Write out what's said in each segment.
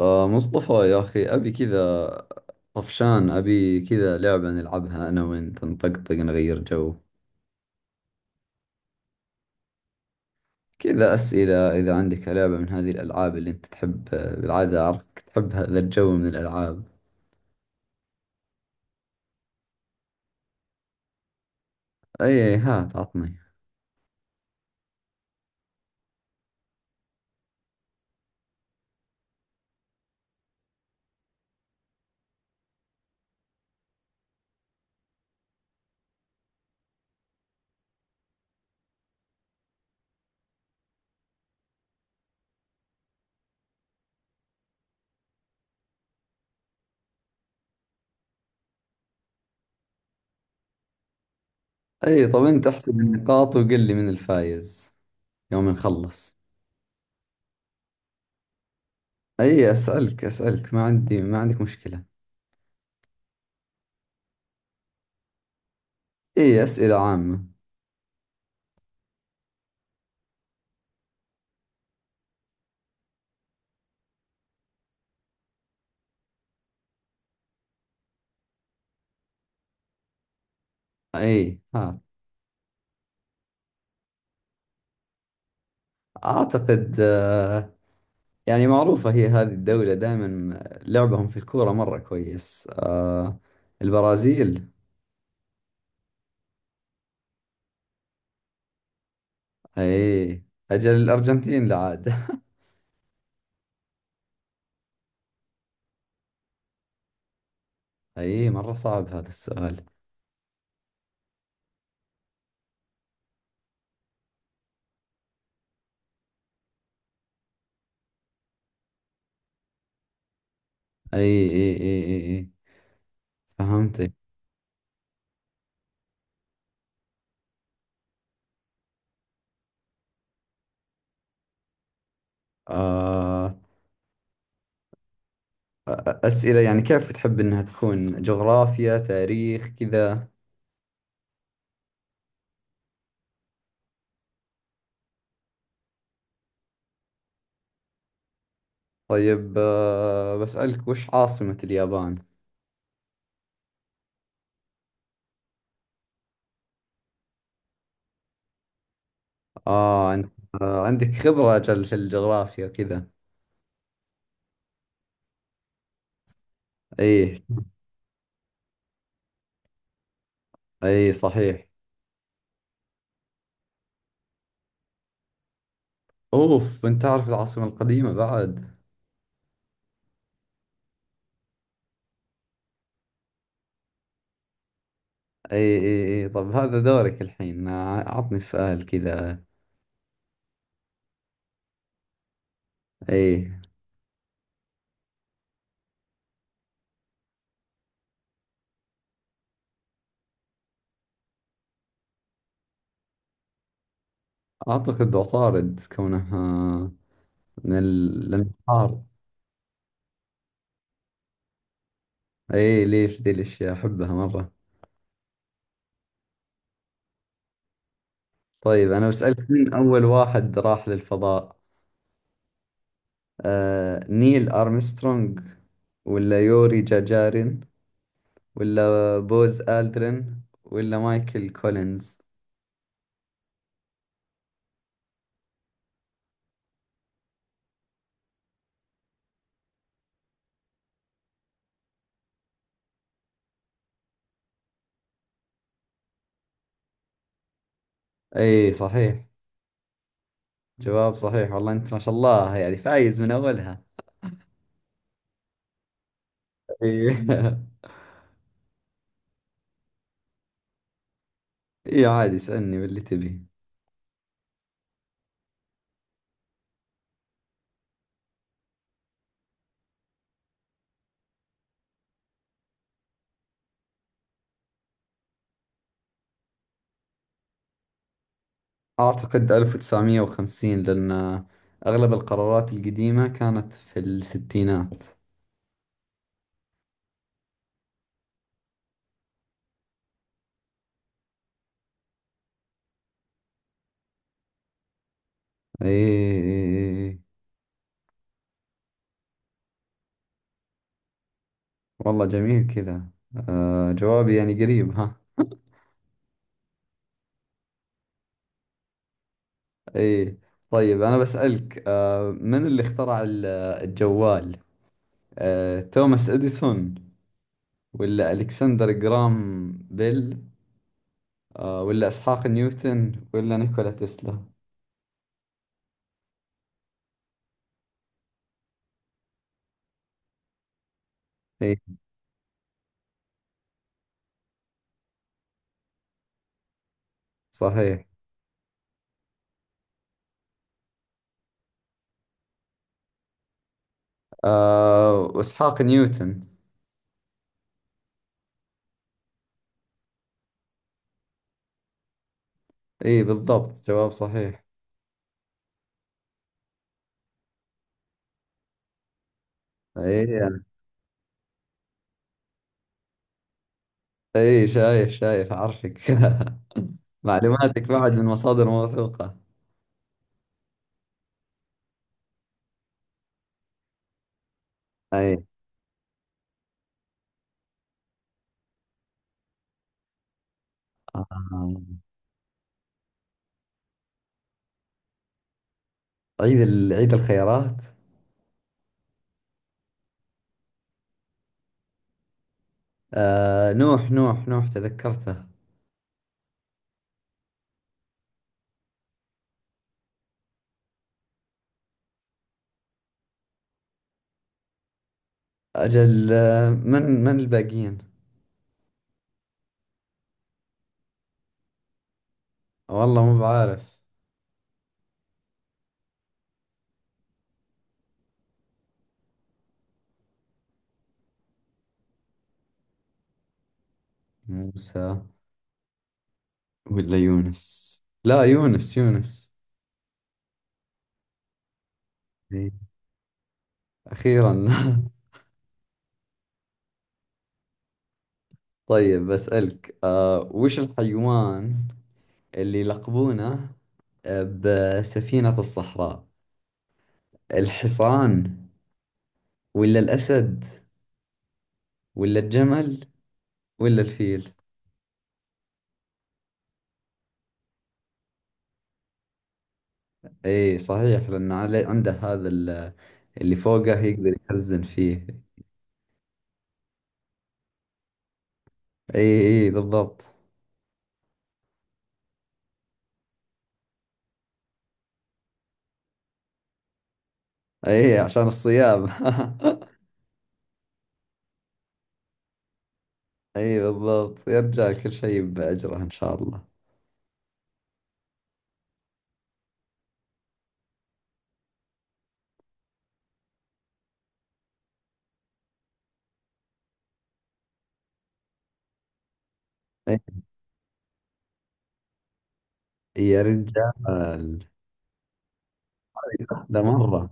مصطفى يا أخي، أبي كذا، طفشان، أبي كذا لعبة نلعبها أنا وأنت، نطقطق، نغير جو. كذا أسئلة، إذا عندك لعبة من هذه الألعاب اللي أنت تحب، بالعادة أعرفك تحب هذا الجو من الألعاب. أي، هات عطني. أي، طب أنت احسب النقاط وقل لي من الفايز يوم نخلص. أي، أسألك أسألك، ما عندي ما عندك مشكلة. أي، أسئلة عامة. أي، هات. أعتقد يعني معروفة هي هذه الدولة دائما، لعبهم في الكورة مرة كويس، البرازيل. اي، اجل الارجنتين لا عاد. اي، مرة صعب هذا السؤال. اي، اي، اي، اي، أي. فهمتك. آه اسئلة، يعني كيف تحب انها تكون، جغرافيا، تاريخ، كذا. طيب، بسألك وش عاصمة اليابان؟ اه، انت عندك خبرة اجل في الجغرافيا كذا. اي، اي صحيح. اوف، انت تعرف العاصمة القديمة بعد. اي، اي، اي، طب هذا دورك الحين، عطني سؤال كذا. اي، اعتقد عطارد كونها من الانهار. اي، ليش ذي الاشياء احبها مرة. طيب، انا بسألك مين اول واحد راح للفضاء؟ نيل ارمسترونج، ولا يوري جاجارين، ولا بوز آلدرين، ولا مايكل كولينز؟ اي صحيح، جواب صحيح، والله انت ما شاء الله يعني فايز من اولها. ايه. ايه، عادي اسألني باللي تبي. أعتقد 1950، لأن أغلب القرارات القديمة كانت في الستينات. ايه، إيه، إيه. والله جميل كذا. جوابي يعني قريب ها. ايه. طيب، أنا بسألك من اللي اخترع الجوال؟ توماس إديسون، ولا ألكسندر جرام بيل، ولا إسحاق نيوتن، ولا نيكولا تسلا؟ ايه صحيح. واسحاق نيوتن. اي بالضبط، جواب صحيح. اي، اي، شايف شايف عارفك. معلوماتك بعد من مصادر موثوقة. اي. آه. عيد الخيرات. نوح نوح نوح، تذكرته. اجل من من الباقيين؟ والله مو بعارف. موسى ولا يونس؟ لا، يونس يونس. إي. اخيرا. طيب بسألك، وش الحيوان اللي يلقبونه بسفينة الصحراء؟ الحصان، ولا الأسد، ولا الجمل، ولا الفيل؟ اي صحيح، لأنه عنده هذا اللي فوقه يقدر يخزن فيه. اي، اي بالضبط. اي، عشان الصيام. اي بالضبط، يرجع كل شيء بأجره إن شاء الله. إي، يا رجال. هذه سهلة مرة.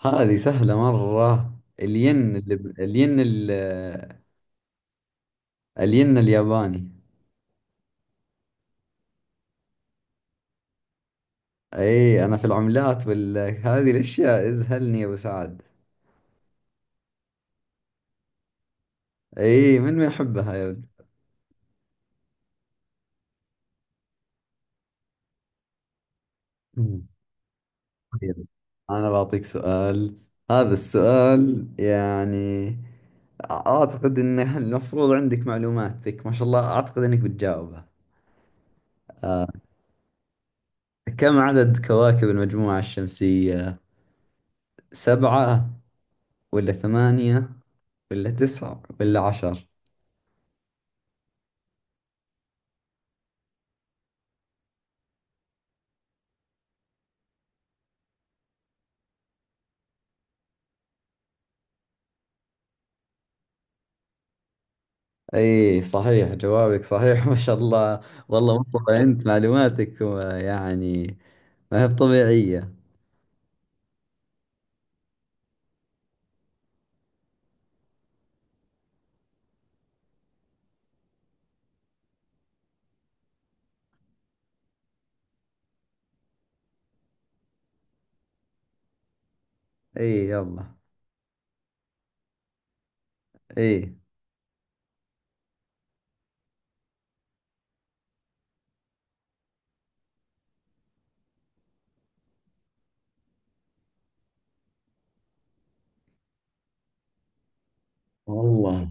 هذه سهلة مرة. الين اللي الين ال- الين الياباني. اي، انا في العملات وال هذه الاشياء ازهلني يا ابو سعد. اي، من ما يحبها يا ولد. مم. طيب، انا بعطيك سؤال. هذا السؤال يعني اعتقد انه المفروض عندك معلوماتك ما شاء الله، اعتقد انك بتجاوبها. كم عدد كواكب المجموعة الشمسية؟ سبعة، ولا ثمانية، ولا تسعة، ولا 10؟ اي صحيح، جوابك صحيح. ما شاء الله. والله مصطفى انت معلوماتك يعني ما هي بطبيعية. اي، يلا. اي، والله.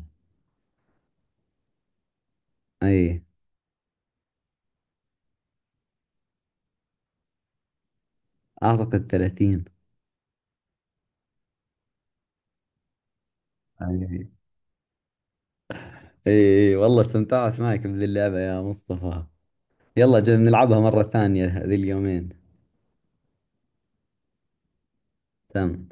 اي، اعتقد 30. أي. اي، اي والله استمتعت معك بذي اللعبة يا مصطفى. يلا جل نلعبها مرة ثانية ذي اليومين. تمام.